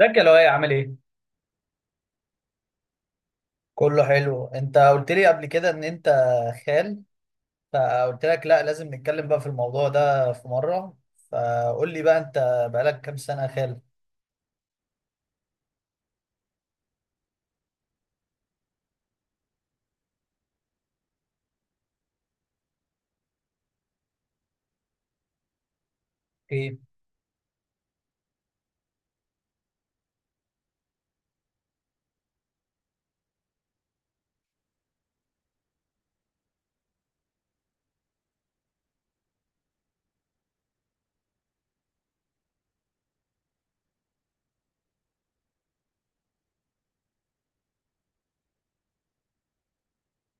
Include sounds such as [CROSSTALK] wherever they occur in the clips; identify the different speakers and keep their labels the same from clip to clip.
Speaker 1: ازيك يا لؤي؟ عامل ايه؟ كله حلو، انت قلت لي قبل كده ان انت خال، فقلت لك لا، لازم نتكلم بقى في الموضوع ده في مرة، فقول لي بقى انت بقالك كام سنة خال؟ ايه؟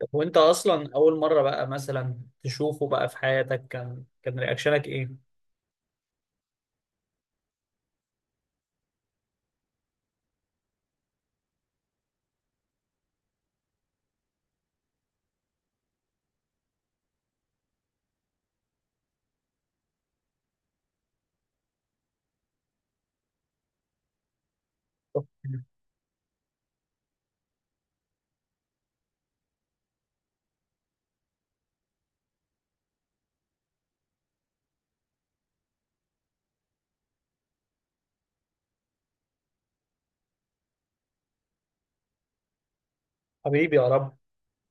Speaker 1: طب وانت اصلا اول مره بقى مثلا تشوفه بقى في حياتك، كان رياكشنك ايه؟ حبيبي، يا رب.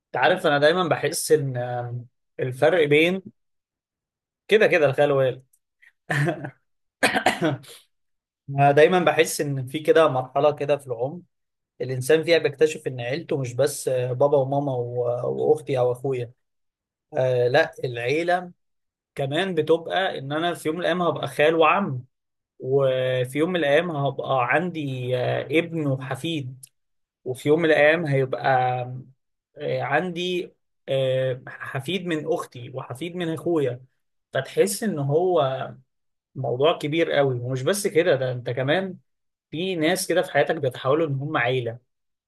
Speaker 1: انت عارف، انا دايما بحس ان الفرق بين، كده كده، الخال والوالد. [LAUGHS] انا دايما بحس ان في كده مرحله كده في العمر الإنسان فيها بيكتشف إن عيلته مش بس بابا وماما وأختي أو أخويا. آه لا، العيلة كمان بتبقى إن أنا في يوم من الأيام هبقى خال وعم، وفي يوم من الأيام هبقى عندي آه ابن وحفيد، وفي يوم من الأيام هيبقى آه عندي آه حفيد من أختي وحفيد من أخويا. فتحس إن هو موضوع كبير قوي، ومش بس كده، ده أنت كمان في ناس كده في حياتك بيتحولوا إن هم عيلة.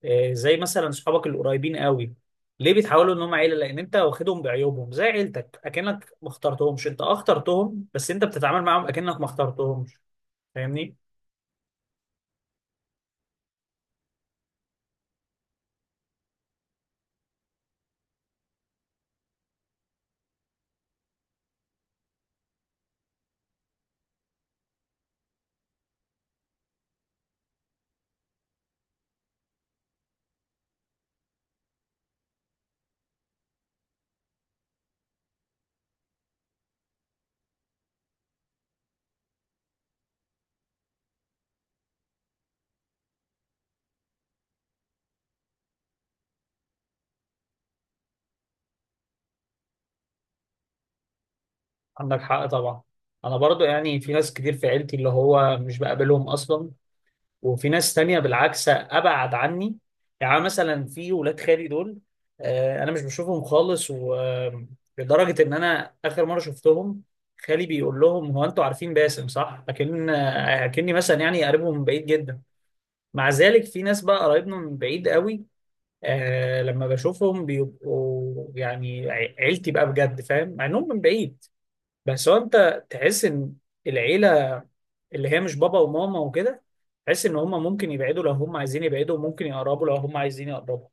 Speaker 1: زي مثلا صحابك القريبين قوي. ليه بيتحولوا ان هم عيله؟ لان انت واخدهم بعيوبهم زي عيلتك، اكنك ما اخترتهمش. انت اه اخترتهم، بس انت بتتعامل معاهم اكنك ما اخترتهمش. فاهمني؟ عندك حق طبعا. انا برضو يعني في ناس كتير في عيلتي اللي هو مش بقابلهم اصلا، وفي ناس تانية بالعكس أبعد عني. يعني مثلا في ولاد خالي دول، أنا مش بشوفهم خالص، ولدرجة إن أنا آخر مرة شفتهم خالي بيقول لهم: هو أنتوا عارفين باسم صح؟ لكن أكني مثلا يعني قريبهم من بعيد جدا. مع ذلك في ناس بقى قرايبنا من بعيد قوي، آه لما بشوفهم بيبقوا يعني عيلتي بقى بجد. فاهم؟ مع إنهم من بعيد. بس هو أنت تحس إن العيلة، اللي هي مش بابا وماما وكده، تحس ان هم ممكن يبعدوا لو هم عايزين يبعدوا، وممكن يقربوا لو هم عايزين يقربوا.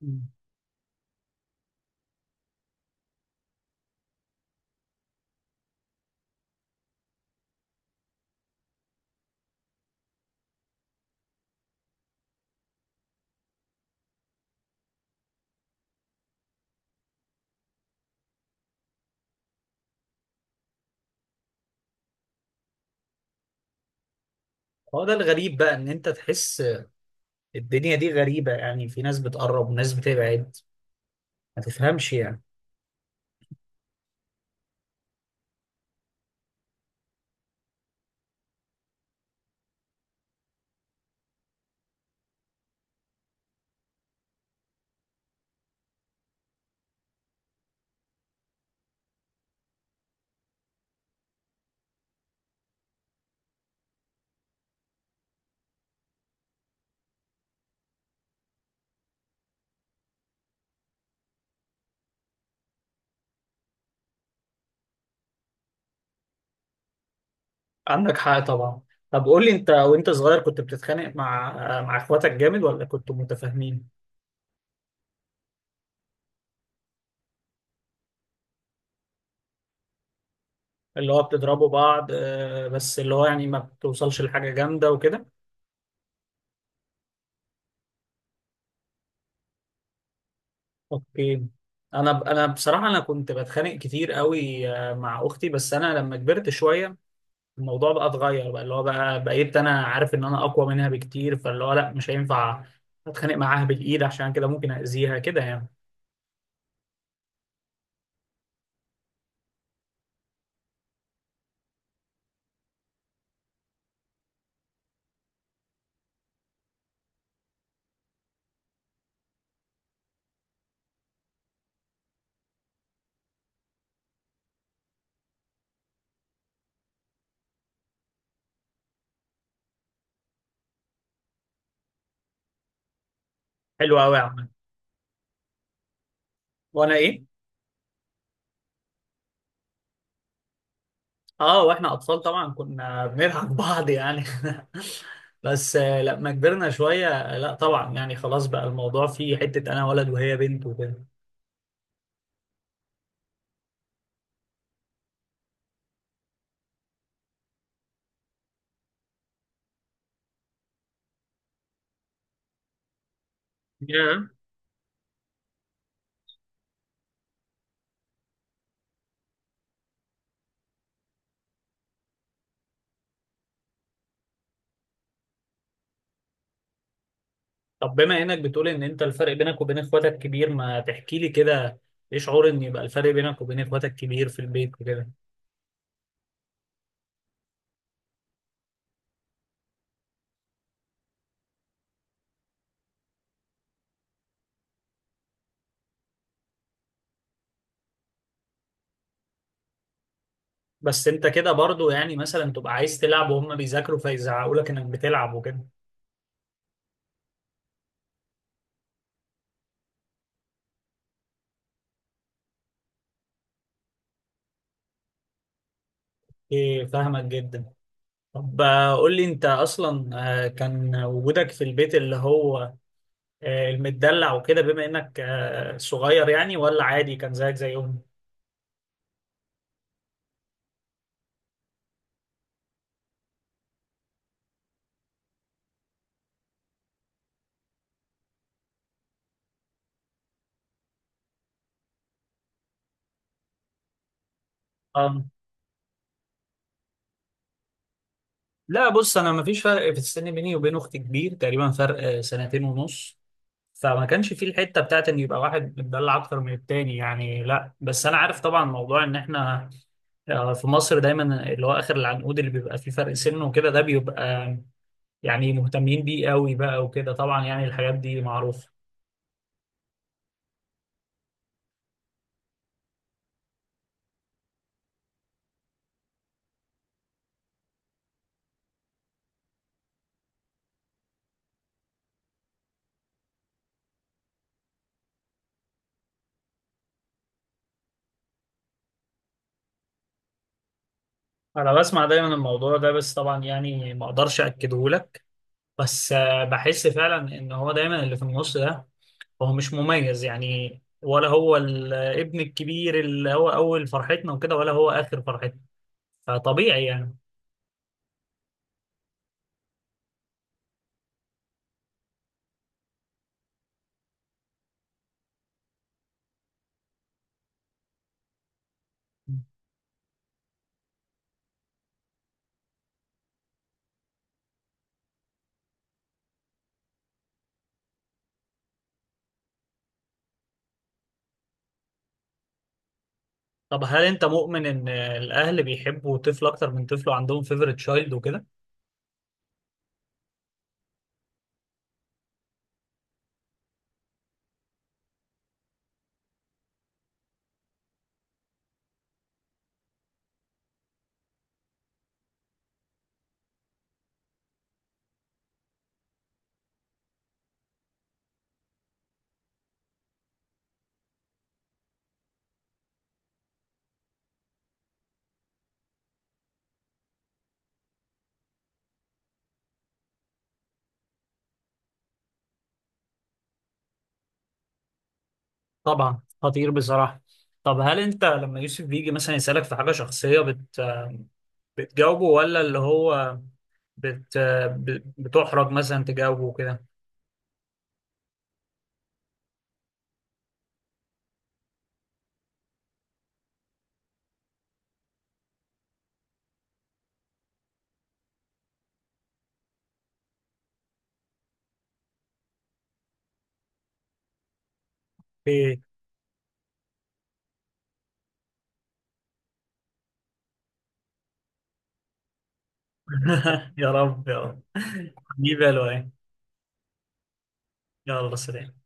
Speaker 1: مم. هو ده الغريب بقى، ان انت تحس الدنيا دي غريبة، يعني في ناس بتقرب وناس بتبعد، ما تفهمش يعني. عندك حق طبعا. طب قول لي، انت وانت صغير كنت بتتخانق مع اخواتك جامد، ولا كنتوا متفاهمين؟ اللي هو بتضربوا بعض، بس اللي هو يعني ما بتوصلش لحاجة جامدة وكده؟ اوكي. انا بصراحة انا كنت بتخانق كتير قوي مع اختي، بس انا لما كبرت شوية الموضوع بقى اتغير بقى، اللي هو بقى بقيت انا عارف ان انا اقوى منها بكتير، فاللي هو لا، مش هينفع اتخانق معاها بالايد، عشان كده ممكن اذيها كده يعني. حلو قوي يا عم. وانا ايه؟ اه، واحنا اطفال طبعا كنا بنلعب بعض يعني. [LAUGHS] بس لما كبرنا شويه لا طبعا، يعني خلاص بقى الموضوع فيه حته انا ولد وهي بنت وكده. yeah. طب بما انك بتقول ان انت الفرق بينك وبين اخواتك كبير، ما تحكي لي كده، ايه شعور ان يبقى الفرق بينك وبين اخواتك كبير في البيت وكده؟ بس انت كده برضو يعني مثلا تبقى عايز تلعب وهم بيذاكروا، فيزعقوا لك انك بتلعب وكده؟ ايه، فاهمك جدا. طب قول لي انت اصلا كان وجودك في البيت اللي هو المدلع وكده، بما انك صغير، يعني ولا عادي كان زيك زيهم؟ اه. لا بص، انا مفيش فرق في السن بيني وبين اختي كبير، تقريبا فرق سنتين ونص، فما كانش في الحته بتاعت ان يبقى واحد متدلع اكتر من التاني يعني. لا بس انا عارف طبعا موضوع ان احنا في مصر دايما اللي هو اخر العنقود اللي بيبقى فيه فرق سن وكده، ده بيبقى يعني مهتمين بيه قوي بقى وكده طبعا، يعني الحاجات دي معروفة. انا بسمع دايما الموضوع ده، بس طبعا يعني ما اقدرش اكده لك، بس بحس فعلا ان هو دايما اللي في النص ده هو مش مميز، يعني ولا هو الابن الكبير اللي هو اول فرحتنا وكده، ولا هو اخر فرحتنا، فطبيعي يعني. طب هل انت مؤمن ان الاهل بيحبوا طفل اكتر من طفله، عندهم فيفوريت تشايلد وكده؟ طبعا، خطير بصراحة. طب هل انت لما يوسف بيجي مثلا يسألك في حاجة شخصية بتجاوبه، ولا اللي هو بت بتحرج مثلا تجاوبه كده؟ ايه. [LAUGHS] يا رب يا رب. دي بالو ايه؟ يلا سلام.